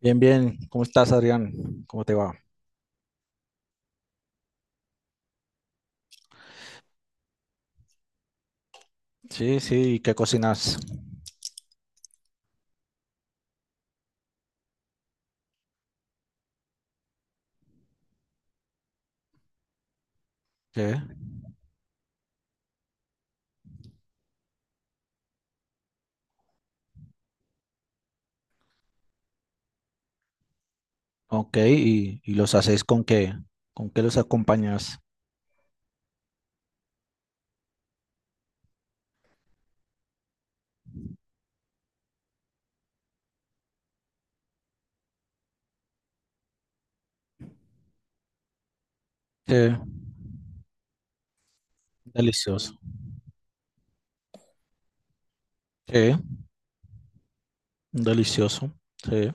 Bien, bien. ¿Cómo estás, Adrián? ¿Cómo te va? Sí, sí. ¿Y qué cocinas? ¿Qué? Ok, ¿y los haces con qué? ¿Con qué los acompañas? Sí, delicioso. Sí, delicioso. Sí.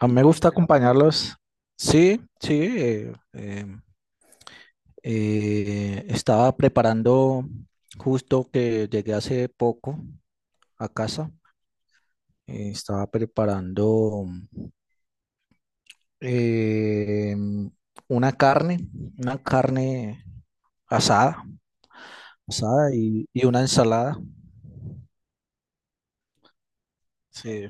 A mí me gusta acompañarlos. Sí, sí. Estaba preparando justo que llegué hace poco a casa. Estaba preparando. eh, una carne, una carne asada, asada y una ensalada. Sí.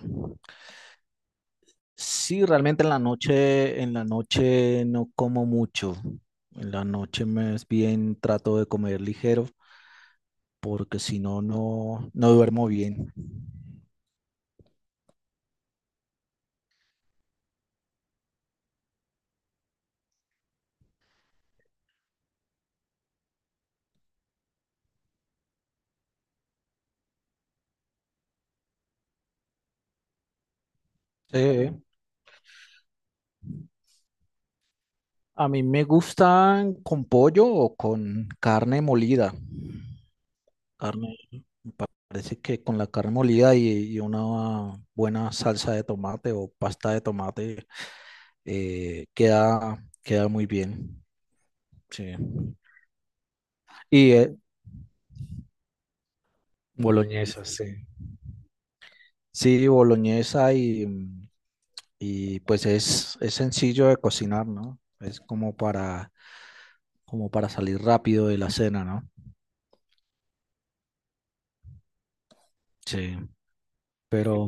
Sí, realmente en la noche no como mucho. En la noche más bien trato de comer ligero porque si no, no, no duermo bien. Sí. A mí me gustan con pollo o con carne molida. Carne parece que con la carne molida y una buena salsa de tomate o pasta de tomate queda, queda muy bien. Sí. Y eh, boloñesa, sí. Sí, boloñesa y, y pues es sencillo de cocinar, ¿no? Como para salir rápido de la cena, ¿no? Sí, pero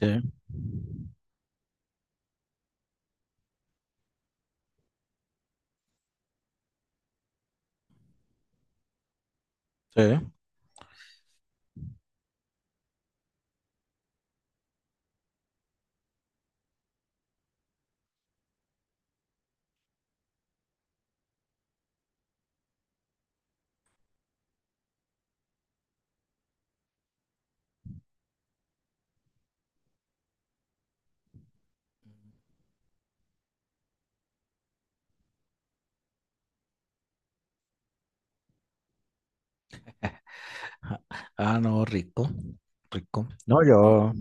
sí, sí. Ah, ah, no, rico, rico. No, yo.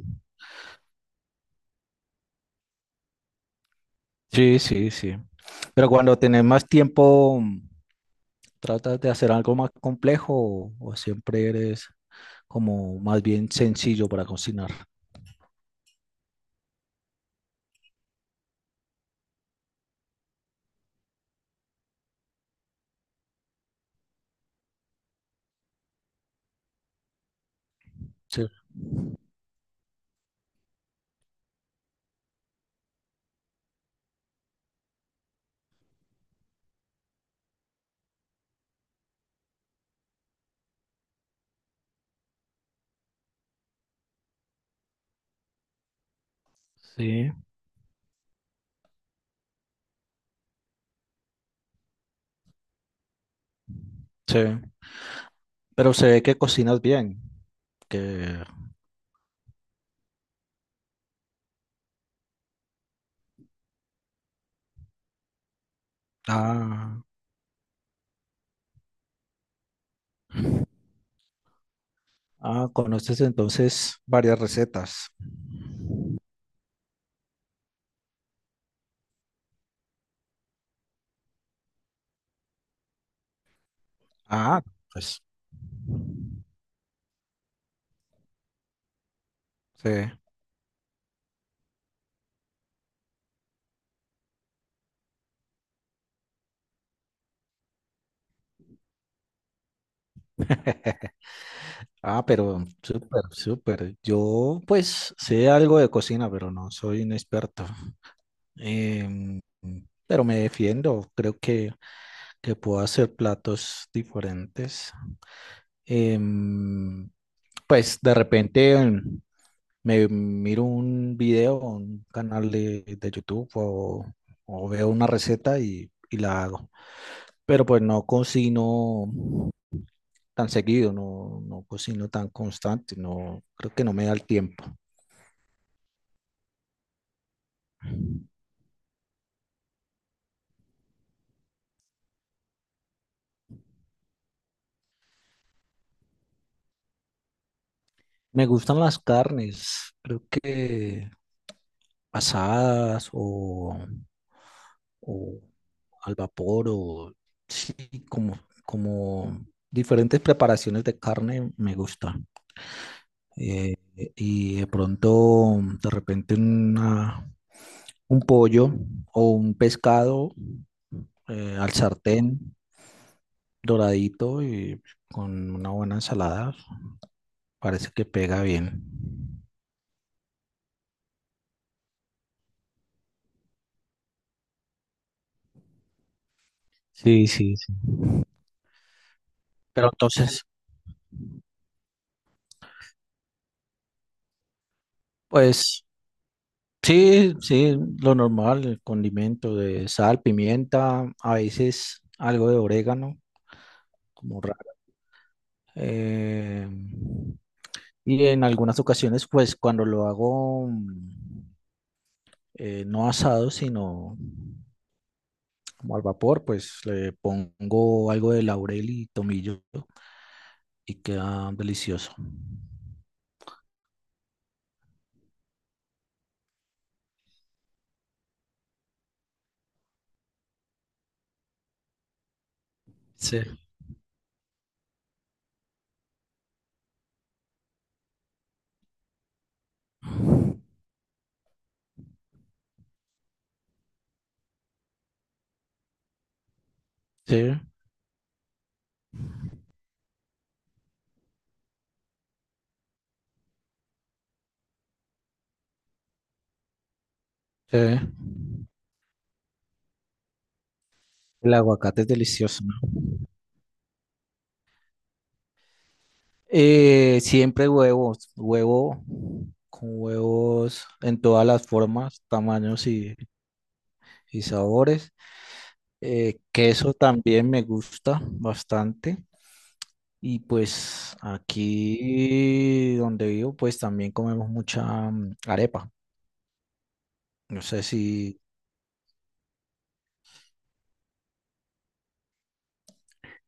Sí, sí, sí. Pero cuando tenés más tiempo, ¿tratas de hacer algo más complejo o siempre eres como más bien sencillo para cocinar? Sí. Sí, sí. Pero se ve que cocinas bien, que... Ah, ah, conoces entonces varias recetas. Ah, pues sí. Ah, pero súper, súper. Yo pues sé algo de cocina, pero no soy un experto. Em, pero me defiendo, creo que puedo hacer platos diferentes. Em, pues de repente me miro un video, un canal de YouTube o veo una receta y la hago. Pero pues no cocino tan seguido, no, no cocino tan constante, no, creo que no me da el tiempo. Me gustan las carnes, creo que asadas o al vapor o sí, como, como diferentes preparaciones de carne me gusta. Eh, y de pronto, de repente, una- un pollo o un pescado al sartén doradito y con una buena ensalada, parece que pega bien. Sí, sí, sí. Pero entonces, pues sí, sí, lo normal, el condimento de sal, pimienta, a veces algo de orégano, como raro. Eh, y en algunas ocasiones, pues cuando lo hago mm, no asado, sino como al vapor, pues le pongo algo de laurel y tomillo y queda delicioso. Sí. Sí, sí. El aguacate es delicioso. Siempre huevos, huevo con huevos en todas las formas, tamaños y sabores. Queso también me gusta bastante. Y pues aquí donde vivo, pues también comemos mucha mm, arepa. No sé si...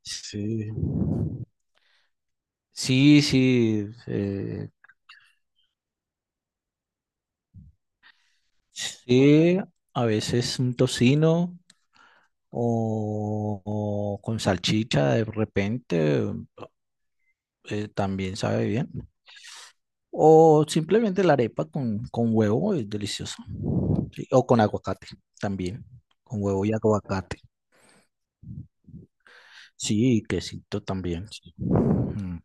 Sí, sí, sí. Sí, a veces un tocino o con salchicha de repente. También sabe bien. O simplemente la arepa con huevo es deliciosa. Sí, o con aguacate también. Con huevo y aguacate. Sí, y quesito también. Sí. Mm,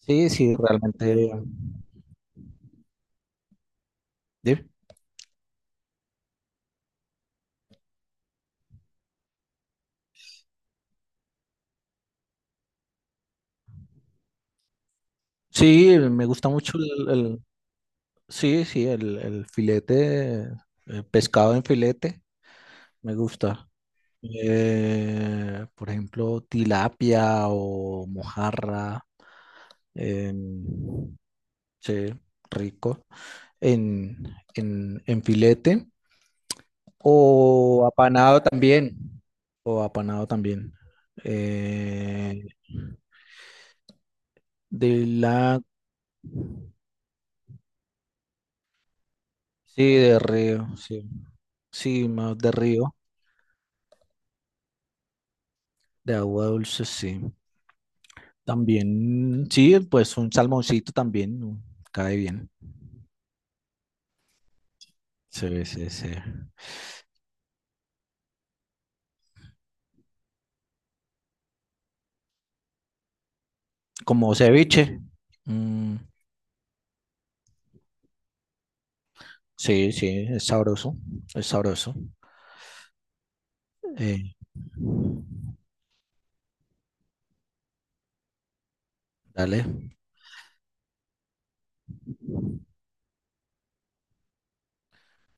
sí, sí, realmente. Dime. Sí, me gusta mucho el- sí, sí, el filete, el pescado en filete, me gusta. Por ejemplo, tilapia o mojarra. em, Sí, rico. En, en filete o apanado también. O apanado también. Eh, de la... Sí, de río, sí. Sí, más de río, de agua dulce, sí. También, sí, pues un salmoncito también ¿no? Cae bien. Sí, sí, sí. Como ceviche. Mm, sí, sí, es sabroso, es sabroso. Eh, dale.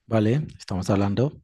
Vale, estamos hablando.